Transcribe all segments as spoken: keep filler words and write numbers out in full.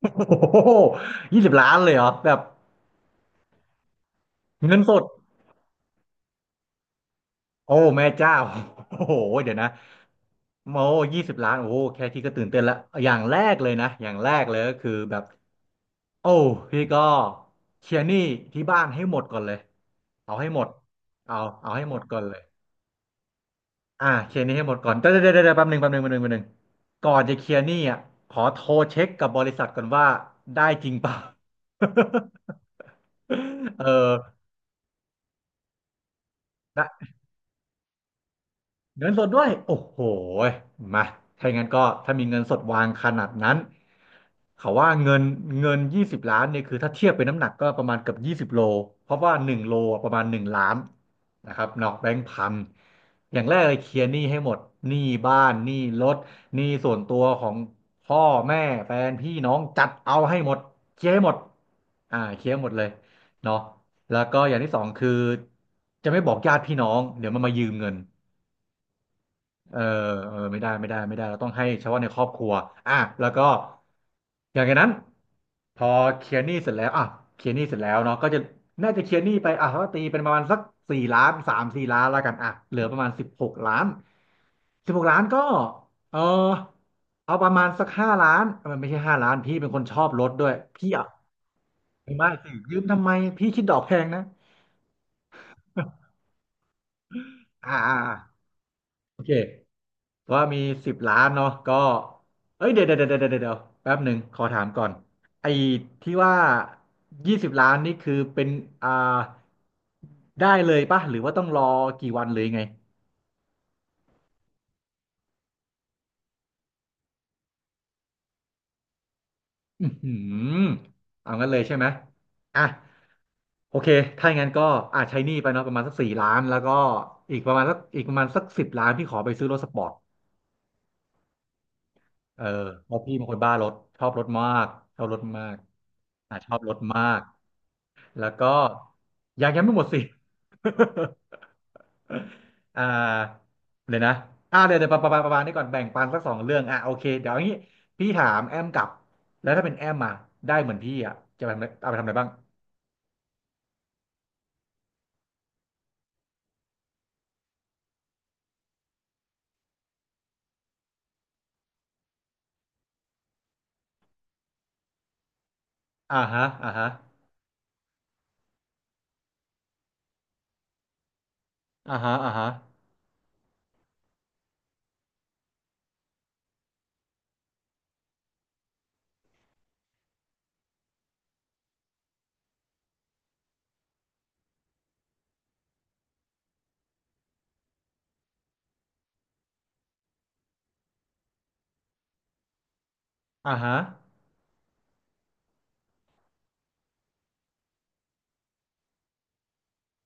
โอ้โหยี่สิบล้านเลยเหรอแบบเงินสดโอ้แม่เจ้าโอ้โหเดี๋ยวนะโอ้ยี่สิบล้านโอ้โหแค่ที่ก็ตื่นเต้นและอย่างแรกเลยนะอย่างแรกเลยก็คือแบบโอ้พี่ก็เคลียร์หนี้ที่บ้านให้หมดก่อนเลยเอาให้หมดเอาเอาให้หมดก่อนเลยอ่าเคลียร์หนี้ให้หมดก่อนเดี๋ยวเดี๋ยวเดี๋ยวแป๊บหนึ่งแป๊บหนึ่งแป๊บหนึ่งแป๊บหนึ่งก่อนจะเคลียร์หนี้อ่ะขอโทรเช็คกับบริษัทก่อนว่าได้จริงเปล่า เออได้ เงินสดด้วยโอ้โหยมาถ้าอย่างนั้นก็ถ้ามีเงินสดวางขนาดนั้นเขาว่าเงินเงินยี่สิบล้านเนี่ยคือถ้าเทียบเป็นน้ำหนักก็ประมาณเกือบยี่สิบโลเพราะว่าหนึ่งโลประมาณหนึ่งล้านนะครับนอกแบงค์พันอย่างแรกเลยเคลียร์หนี้ให้หมดหนี้บ้านหนี้รถหนี้ส่วนตัวของพ่อแม่แฟนพี่น้องจัดเอาให้หมดเคลียร์ให้หมดอ่าเคลียร์ให้หมดเลยเนาะแล้วก็อย่างที่สองคือจะไม่บอกญาติพี่น้องเดี๋ยวมันมายืมเงิน เออเออไม่ได้ไม่ได้ไม่ได้เราต้องให้เฉพาะในครอบครัวอ่ะแล้วก็อย่างจากนั้นพอเคลียร์หนี้เสร็จแล้วอ่ะเคลียร์หนี้เสร็จแล้วเนาะก็จะน่าจะเคลียร์หนี้ไปอ่ะก็ตีเป็นประมาณสักสี่ล้านสามสี่ล้านแล้วกันอ่ะเหลือประมาณสิบหกล้านสิบหกล้านก็เออเอาประมาณสักห้าล้านเออไม่ใช่ห้าล้านพี่เป็นคนชอบรถด้วยพี่อ่ะไม่ไม่สิยืมทำไมพี่คิดดอกแพงนะอ่าอ่าอ่าโอเค ว่ามีสิบล้านเนาะก็เอ้ยเดี๋ยวเดี๋ยวเดี๋ยวเดี๋ยวเดี๋ยวแป๊บหนึ่งขอถามก่อนไอ้ที่ว่ายี่สิบล้านนี่คือเป็นอ่าได้เลยป่ะหรือว่าต้องรอกี่วันหรือยังไงอือหือเอางั้นเลยใช่ไหมอ่ะโอเคถ้าอย่างนั้นก็อาจใช้หนี้ไปเนาะประมาณสักสี่ล้านแล้วก็อีกประมาณสักอีกประมาณสักสิบล้านที่ขอไปซื้อรถสปอร์ต เออเพราะพี่เป็นคนบ้ารถชอบรถมากชอบรถมากอ่ะชอบรถมากแล้วก็ยังยังไม่หมดสิ อ่าเลยวนะอ่าเดี๋ยวเดี๋ยวประมาณประมาณนี้ก่อนแบ่งปันสักสองเรื่องอ่ะโอเคเดี๋ยวอย่างนี้พี่ถามแอมกลับแล้วถ้าเป็นแอมมาได้เหมือนพี่อ่ะจะไปทำอะไรเอาไปทำอะไรบ้างอ่าฮะอ่าฮะอ่าฮะอ่าฮะอ่าฮะ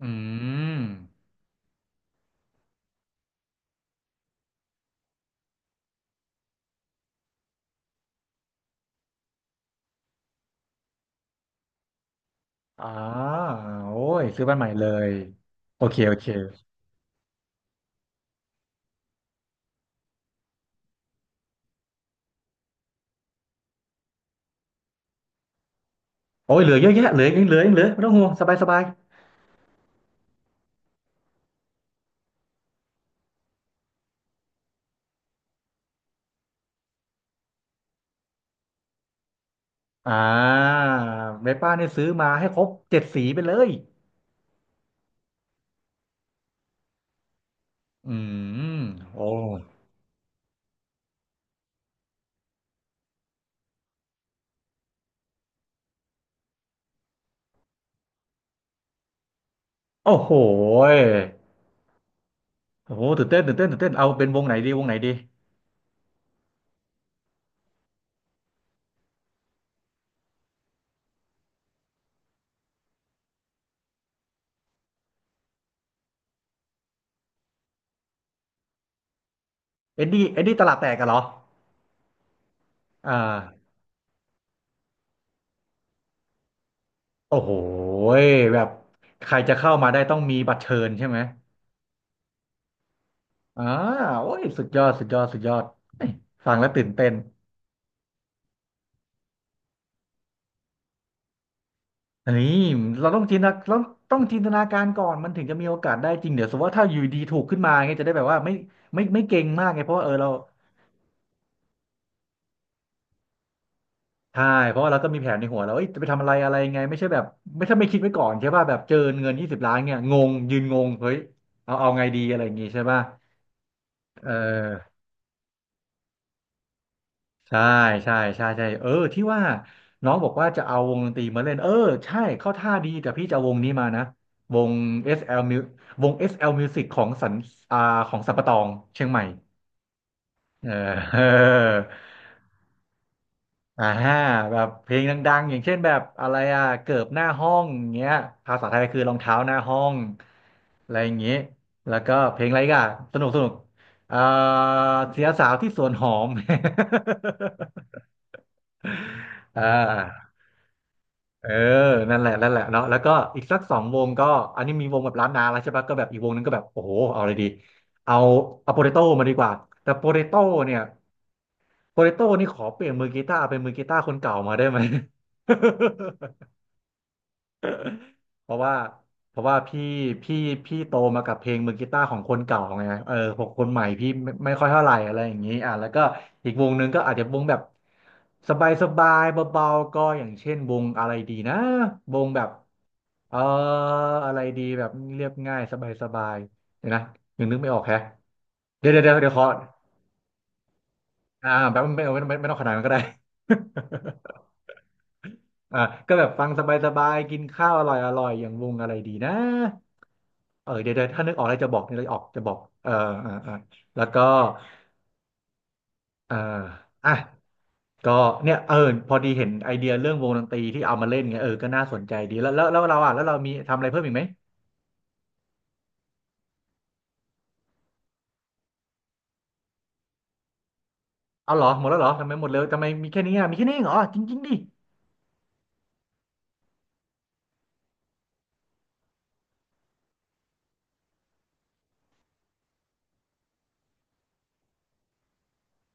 อืมอ่าโอ้ยซื้อบ้านใหม่เลยโอเคโอเค โอ้ยเหลือเยอะแยะเหลือยังเหลือยังเหลือไม่ต้องห่วงสบายสบายอ่าเวป้าเนี่ยซื้อมาให้ครบเจ็ดสีไปเลยอืมโอ้โอ้โหยโอ้โหตื่นเต้นตื่นเต้นตื่นเต้นเอาเป็นวงไหนดีวงไหนดีเอ็ดดี้เอ็ดดี้ตลาดแตกกันเหรออ่าโอ้โหยแบบใครจะเข้ามาได้ต้องมีบัตรเชิญใช่ไหมอ่าโอ้ยสุดยอดสุดยอดสุดยอดเอ้ยฟังแล้วตื่นเต้น อันนี้เราต้องจินตนาเราต้องจินตนาการก่อนมันถึงจะมีโอกาสได้จริงเดี๋ยวสมมติว่าถ้าอยู่ดีถูกขึ้นมาเงี้ยจะได้แบบว่าไม่ไม่ไม่เก่งมากไงเพราะว่าเออเราใช่เพราะว่าเราก็มีแผนในหัวแล้วเอ้ยจะไปทำอะไรอะไรยังไงไม่ใช่แบบไม่ถ้าไม่คิดไว้ก่อนใช่ป่ะแบบเจอเงินยี่สิบล้านเนี่ยงงยืนงงเฮ้ยเอาเอาไงดีอะไรอย่างงี้ใช่ป่ะเออ ใช่ใช่ใช่ใช่เออที่ว่าน้องบอกว่าจะเอาวงดนตรีมาเล่นเออใช่เข้าท่าดีแต่พี่จะเอาวงนี้มานะวง SL Mu วง เอส แอล Music ของสันอ่าของสัมปะตองเชียงใหม่เออ เอออ่าฮะแบบเพลงดังๆอย่างเช่นแบบอะไรอ่ะเกิบหน้าห้องอย่างเงี้ยภาษาไทยคือรองเท้าหน้าห้องอะไรอย่างเงี้ยแล้วก็เพลงอะไรอีกันสนุกสนุกเอ่อเสียสาวที่สวนหอม อ่า เออ นั่นแหละนั่นแหละเนาะแล้วก็อีกสักสองวงก็อันนี้มีวงแบบล้านนาแล้วใช่ปะ ก็แบบอีกวงนึงก็แบบโอ้โห เอาอะไรดี เอาเอาโปเตโต้มาดีกว่า แต่โปเตโต้เนี่ยโปเตโต้นี่ขอเปลี่ยนมือกีตาร์เป็นมือกีตาร์คนเก่ามาได้ไหม เพราะว่าเพราะว่าพี่พี่พี่โตมากับเพลงมือกีตาร์ของคนเก่าไงเออหกคนใหม่พี่ไม่ไม่ค่อยเท่าไหร่อะไรอย่างนี้อ่ะแล้วก็อีกวงหนึ่งก็อาจจะวงแบบสบายสบายเบาๆก็อย่างเช่นวงอะไรดีนะวงแบบเอออะไรดีแบบเรียบง่ายสบายสบายเดี๋ยวนะยังนึกไม่ออกแฮะเดี๋ยวเดี๋ยวเดี๋ยวเดี๋ยวขออ่าแบบไม่ไม่ไม่ไม่ต้องขนาดนั้นก็ได้ อ่าก็แบบฟังสบายๆกินข้าวอร่อยอร่อยอย่างวงอะไรดีนะ เออเดี๋ยวเดี๋ยวถ้านึกออกอะไรจะบอกนี่เลยออกจะบอกเออเออเออแล้วก็เอออ่ะก็เนี่ยเออพอดีเห็นไอเดียเรื่องวงดนตรีที่เอามาเล่นไงเออก็น่าสนใจดีแล้วแล้วแล้วเราอ่ะแล้วเรามีทำอะไรเพิ่มอีกไหมเอาเหรอหมดแล้วเหรอทำไมหมดเลยทำไมมีแค่นี้อ่ะมีแค่นี้เองเหรอจริงๆดิ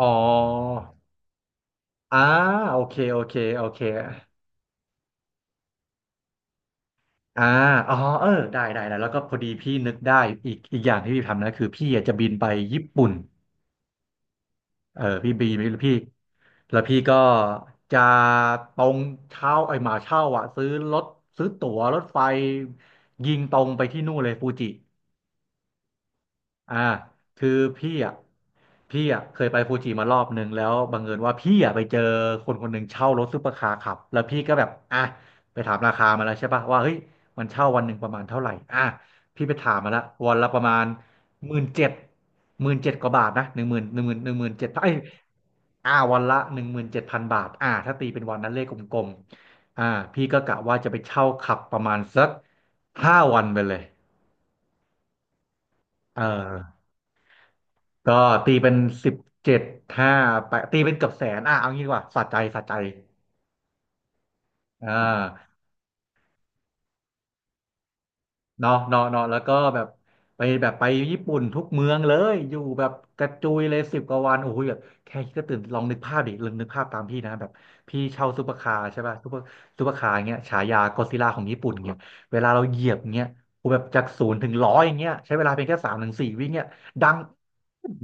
อ๋ออ่าโอเคโอเคโอเคอ่าอ๋อเออได้ได้ได้แล้วก็พอดีพี่นึกได้อีกอีกอย่างที่พี่ทำนะคือพี่อยากจะบินไปญี่ปุ่นเออพี่บีพี่ แล้วพี่ก็จะตรงเช่าไอ้ยหมาเช่าอ่ะซื้อรถซื้อตั๋วรถไฟยิงตรงไปที่นู่นเลยฟูจิ อ่าคือพี่อ่ะพี่อ่ะเคยไปฟูจิมารอบนึงแล้วบังเอิญว่าพี่อ่ะไปเจอคนคนหนึ่งเช่ารถซุปเปอร์คาร์ขับแล้วพี่ก็แบบอ่ะไปถามราคามาแล้วใช่ปะว่าเฮ้ยมันเช่าวันหนึ่งประมาณเท่าไหร่อ่ะพี่ไปถามมาละวันละประมาณหมื่นเจ็ดหมื่นเจ็ดกว่าบาทนะหนึ่งหมื่นหนึ่งหมื่นหนึ่งหมื่นเจ็ดไอ้ยอ่าวันละหนึ่งหมื่นเจ็ดพันบาทอ่าถ้าตีเป็นวันนั้นเลขกลมๆอ่าพี่ก็กะว่าจะไปเช่าขับประมาณสักห้าวันไปเลยเออ ก็ตีเป็นสิบเจ็ดห้าไปตีเป็นเกือบแสนอ่ะเอางี้ดีกว่าสะใจสะใจอ่าเนาะเนาะเนาะแล้วก็แบบไปแบบไปญี่ปุ่นทุกเมืองเลยอยู่แบบกระจุยเลยสิบกว่าวันโอ้โหแบบแค่คิดก็ตื่นลองนึกภาพดิลองนึกภาพตามพี่นะแบบพี่เช่าซูเปอร์คาร์ใช่ป่ะซูเปอร์ซูเปอร์คาร์เงี้ยฉายาก็อดซิลล่าของญี่ปุ่นเงี้ยเวลาเราเหยียบเงี้ยโอ้โหแบบจากศูนย์ถึงร้อยเงี้ยใช้เวลาเพียงแค่สามถึงสี่วิเงี้ยดัง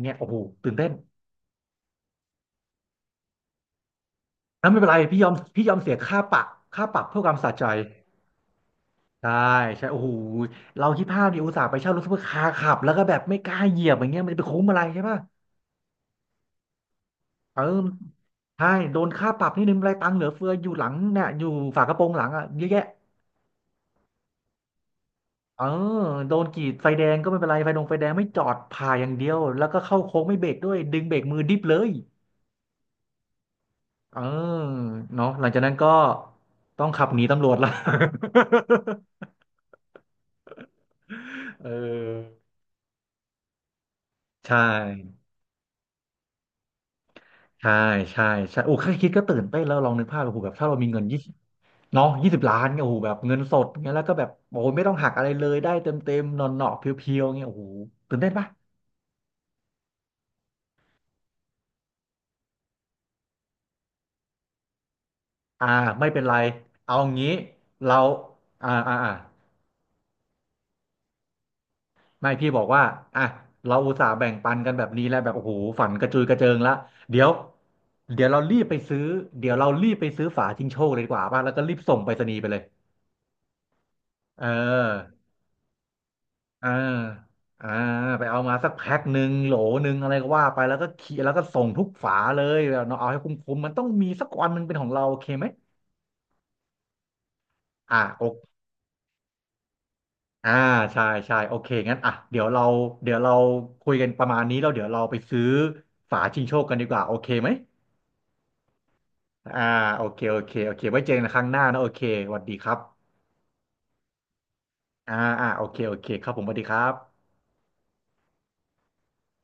เงี้ยโอ้โหตื่นเต้น อ่ะไม่เป็นไรพี่ยอมพี่ยอมเสียค่าปรับค่าปรับเพื่อความสะใจใช่ใช่โอ้โหเราคี่ภาพดิอุตส่าห์ไปเช่ารถซุปเปอร์คาร์ขับแล้วก็แบบไม่กล้าเหยียบอย่างเงี้ยมันจะไปคุ้มอะไรใช่ป่ะเออใช่โดนค่าปรับนี่นึงไรตังค์เหลือเฟืออยู่หลังเนี่ยอยู่ฝากระโปรงหลังอ่ะเยอะแยะเออโดนกรีดไฟแดงก็ไม่เป็นไรไฟดงไฟแดงไม่จอดผ่าอย่างเดียวแล้วก็เข้าโค้งไม่เบรกด้วยดึงเบรกมือดิบเลยเออเนาะหลังจากนั้นก็ต้องขับหนีตำรวจละ เออใช่ ใช่ใช่ใช่โอ้แค่คิดก็ตื่นเต้นแล้วลองนึกภาพโอ้โหแบบถ้าเรามีเงินยี่สิบเนาะยี่สิบล้านเนี่ยโอ้โหแบบเงินสดเงี้ยแล้วก็แบบโอ้โหไม่ต้องหักอะไรเลยได้เต็มเต็มหนอนหนอเพียวเพียวๆเงี้ยโอ้โหตื่นเต้นปะอ่าไม่เป็นไรเอางี้เราอ่าอ่าอ่าไม่พี่บอกว่าอ่ะเราอุตส่าห์แบ่งปันกันแบบนี้แล้วแบบโอ้โหฝันกระจุยกระเจิงละเดี๋ยวเดี๋ยวเรารีบไปซื้อเดี๋ยวเรารีบไปซื้อฝาชิงโชคเลยดีกว่าป่ะแล้วก็รีบส่งไปรษณีย์ไปเลยเออ อ่าอ่าไปเอามาสักแพ็คหนึ่งโหลหนึ่งอะไรก็ว่าไปแล้วก็เขียแล้วก็ส่งทุกฝาเลยแบบเนาะเอาให้คุ้มๆมันต้องมีสักวันมันเป็นของเราโอเคไหมอ่าโออ่าใช่ใช่โอเคงั้นอ่ะเดี๋ยวเราเดี๋ยวเราคุยกันประมาณนี้แล้วเดี๋ยวเราไปซื้อฝาชิงโชคกันดีกว่าโอเคไหมอ่าโอเคโอเคโอเคไว้เจอกันครั้งหน้านะโอเคสวัสดีครับอ่าอ่าโอเคโอเคครับผมสวัสดีครับ